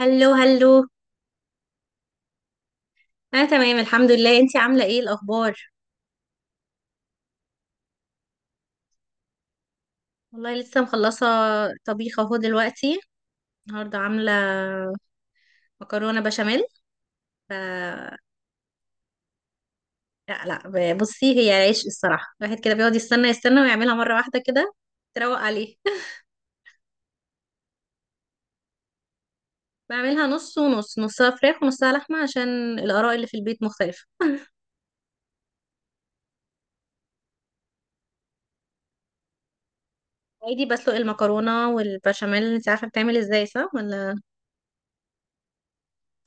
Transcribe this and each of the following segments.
هلو هلو. انا تمام الحمد لله، انتي عامله ايه الاخبار؟ والله لسه مخلصه طبيخ اهو دلوقتي، النهارده عامله مكرونه بشاميل. ف لا لا، بصي هي عيش الصراحه، الواحد كده بيقعد يستنى يستنى ويعملها مره واحده كده تروق عليه. بعملها نص ونص، نصها فراخ ونصها لحمه عشان الاراء اللي في البيت مختلفه. عادي، بسلق المكرونه والبشاميل انت عارفه بتعمل ازاي صح ولا؟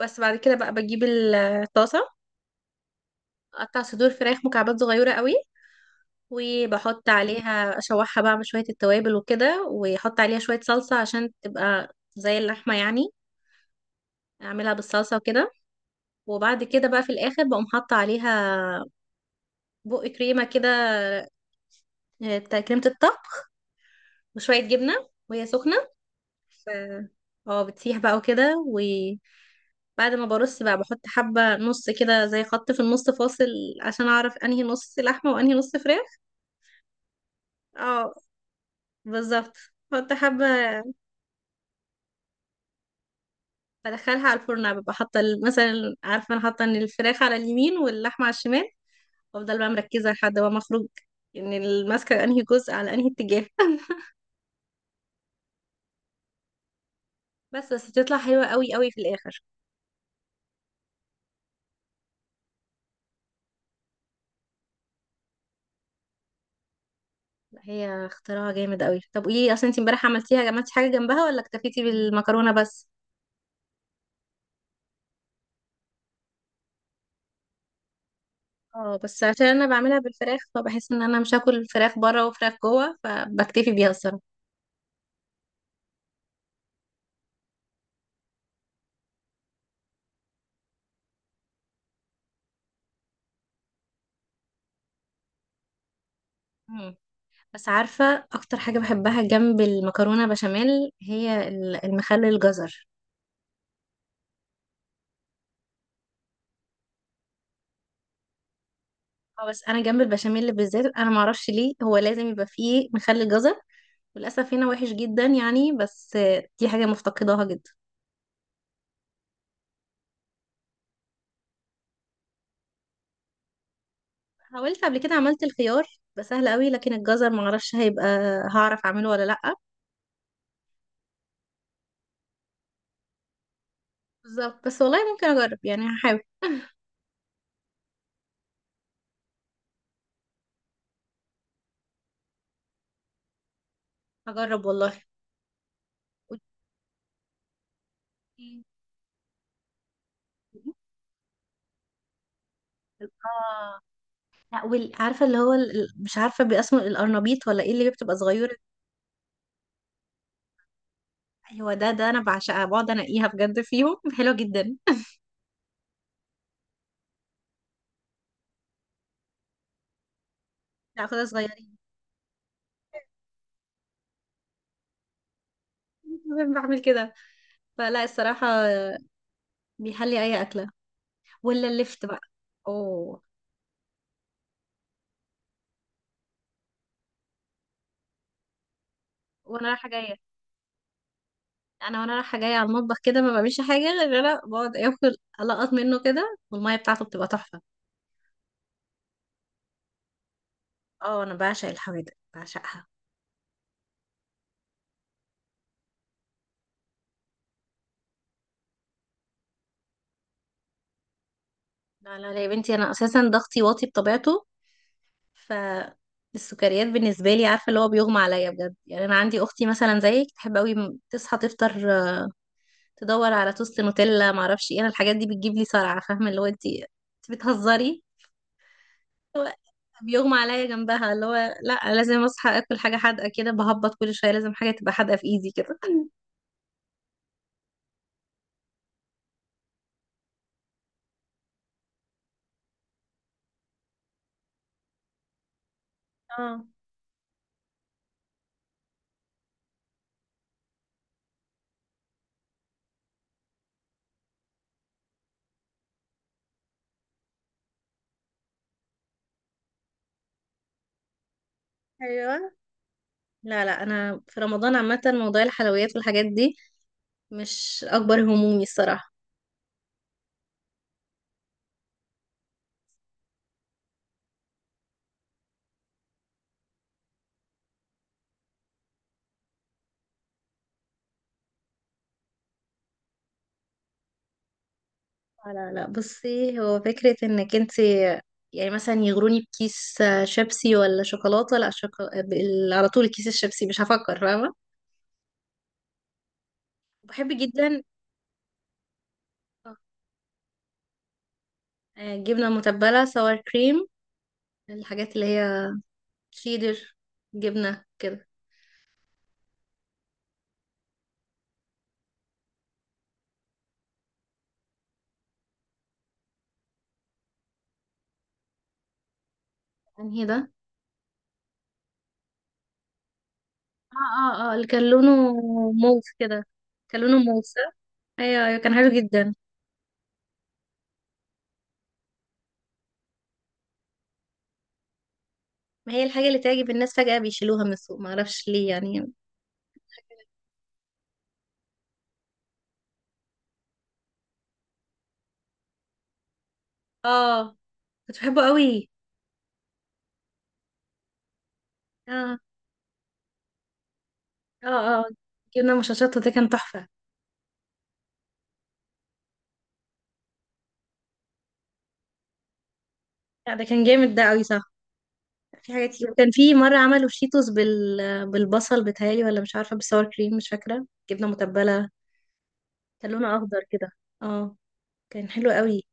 بس بعد كده بقى بجيب الطاسه، اقطع صدور فراخ مكعبات صغيره قوي، وبحط عليها اشوحها بقى مع شوية التوابل وكده، واحط عليها شوية صلصة عشان تبقى زي اللحمة يعني. اعملها بالصلصة وكده. وبعد كده بقى في الاخر بقوم حاطة عليها بق كريمة كده، بتاع كريمة الطهي، وشوية جبنة وهي سخنة. ف اه، بتسيح بقى وكده. وبعد ما برص بقى بحط حبة نص كده زي خط في النص فاصل، عشان اعرف انهي نص لحمة وانهي نص فراخ. اه بالظبط، بحط حبة. بدخلها على الفرن، ببقى حاطه مثلا عارفه انا حاطه ان الفراخ على اليمين واللحمه على الشمال، وافضل بقى مركزه لحد ما اخرج ان الماسكه انهي جزء على انهي اتجاه. بس بتطلع حلوه قوي قوي في الاخر. لا، هي اختراع جامد قوي. طب قولي لي، اصلا انت امبارح عملتي حاجه جنبها ولا اكتفيتي بالمكرونه بس؟ اه بس عشان انا بعملها بالفراخ فبحس ان انا مش هاكل فراخ بره وفراخ جوه، فبكتفي بيها الصراحه. مم. بس عارفه اكتر حاجه بحبها جنب المكرونه بشاميل هي المخلل الجزر. اه بس انا جنب البشاميل بالذات، انا ما اعرفش ليه هو لازم يبقى فيه مخلل جزر. وللاسف هنا وحش جدا يعني، بس دي حاجه مفتقداها جدا. حاولت قبل كده عملت الخيار، بقى سهل قوي، لكن الجزر ما اعرفش هيبقى، هعرف اعمله ولا لا. بالظبط، بس والله ممكن اجرب يعني، هحاول. اجرب والله. قولي-. اه لا، عارفه اللي هو مش عارفه باسمه، القرنبيط ولا ايه اللي بتبقى صغيره؟ ايوه ده، انا بعشقها، بقعد انقيها بجد فيهم، حلوه جدا. لا خلاص صغيرين. بعمل كده. فلا الصراحة، بيحلي أي أكلة. ولا اللفت بقى. أوه. وأنا رايحة جاية أنا وأنا رايحة جاية على المطبخ كده، ما بعملش حاجة غير إن أنا بقعد آكل، ألقط منه كده، والمية بتاعته بتبقى تحفة. أه أنا بعشق الحوادق، بعشقها. لا لا لا يا بنتي، أنا أساسا ضغطي واطي بطبيعته، فالسكريات بالنسبة لي عارفة اللي هو بيغمى عليا بجد يعني. أنا عندي أختي مثلا زيك، تحب أوي، تصحى تفطر، تدور على توست نوتيلا معرفش إيه. أنا الحاجات دي بتجيب لي صرعة، فاهمة اللي هو، أنت بتهزري؟ هو بيغمى عليا جنبها اللي هو، لا لازم اصحى اكل حاجه حادقه كده، بهبط كل شويه لازم حاجه تبقى حادقه في ايدي كده. اه. ايوه. لا لا، انا في رمضان عامه موضوع الحلويات والحاجات دي مش اكبر همومي الصراحه. لا لا، بصي هو فكره انك انت، يعني مثلا يغروني بكيس شيبسي ولا شوكولاته، لا على طول كيس الشيبسي مش هفكر، فاهمه؟ بحب جدا. جبنه متبله سوار كريم، الحاجات اللي هي شيدر، جبنه كده. انهي ده؟ اه اه اه، اللي كان لونه موف كده. كان لونه موف صح؟ ايوه ايوه، كان حلو جدا. ما هي الحاجة اللي تعجب الناس فجأة بيشيلوها من السوق، ما اعرفش ليه يعني. اه، كنت بحبه قوي. اه اه اه، جبنا مشاشات ده كان تحفة. لا ده كان جامد ده قوي صح. في حاجات كتير، وكان في مرة عملوا شيتوس بالبصل بتهيألي، ولا مش عارفة، بالساور كريم مش فاكرة، جبنة متبلة. كان لونه أخضر كده. اه كان حلو قوي.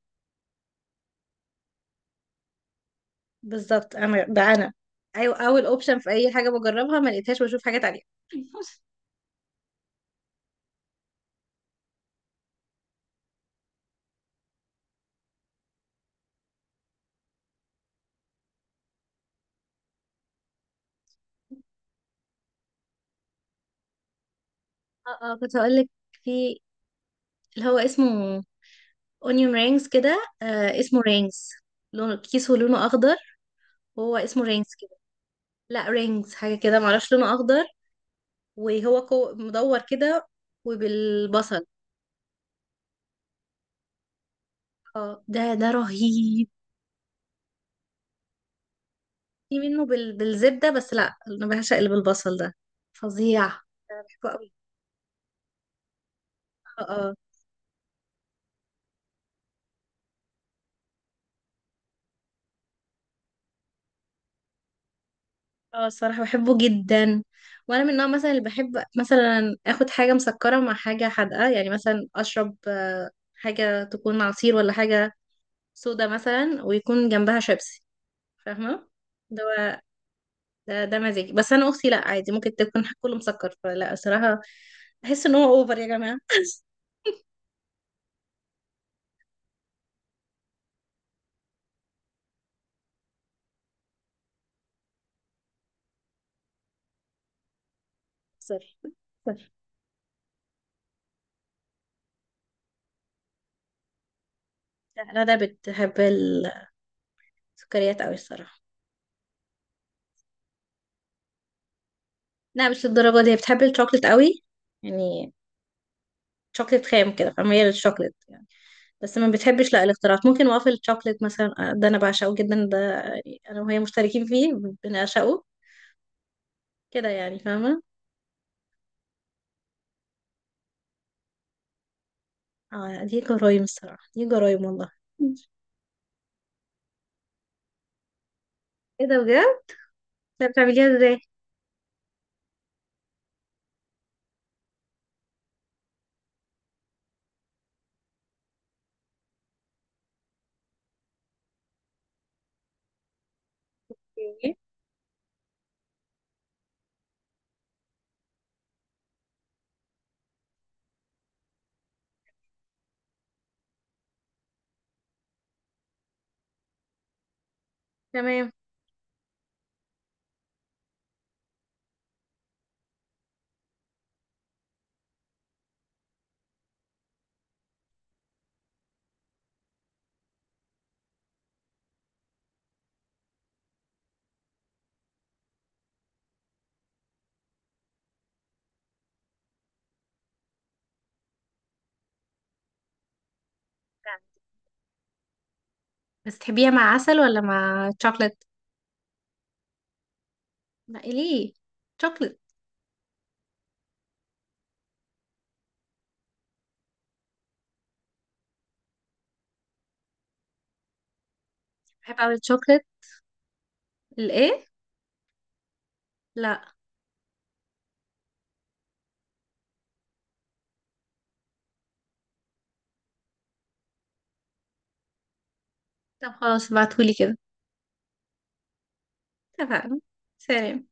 بالظبط، انا ده انا. ايوه، اول اوبشن في اي حاجه بجربها، ما لقيتهاش بشوف حاجات عليها. اه اه، كنت هقول لك. في اللي هو اسمه اونيون رينجز كده، اسمه رينجز. لونه اخضر، وهو اسمه رينجز كده. لا رينجز حاجه كده، معرفش، لونه اخضر، وهو مدور كده، وبالبصل. اه ده رهيب. في منه بالزبده، بس لا انا بعشق اللي بالبصل ده، فظيع انا بحبه قوي. اه اه، الصراحة بحبه جدا. وانا من النوع مثلا اللي بحب مثلا اخد حاجة مسكرة مع حاجة حادقة، يعني مثلا اشرب حاجة تكون عصير ولا حاجة سودا مثلا، ويكون جنبها شيبسي. فاهمة؟ ده هو-. ده مزاجي، بس انا اختي لا عادي ممكن تكون كله مسكر، فلا الصراحة، بحس ان هو اوفر يا جماعة. سوري سوري. لا لا، ده بتحب السكريات قوي الصراحة. لا مش للدرجة دي، هي بتحب الشوكليت قوي يعني، شوكليت خام كده، فميال للشوكليت يعني. بس ما بتحبش لا الاختراعات، ممكن وافل شوكليت مثلا، ده انا بعشقه جدا ده. يعني انا وهي مشتركين فيه، بنعشقه كده يعني، فاهمه؟ اه دي جرايم الصراحه، دي جرايم والله. ايه ده بجد؟ طب بتعمليها ازاي؟ اوكي. تمام. بس تحبيها مع عسل ولا مع شوكليت؟ لا إيه ليه؟ شوكليت. بحب اعمل شوكليت. الايه؟ لا. طب خلاص ابعتهولي كده. اتفقنا. سلام.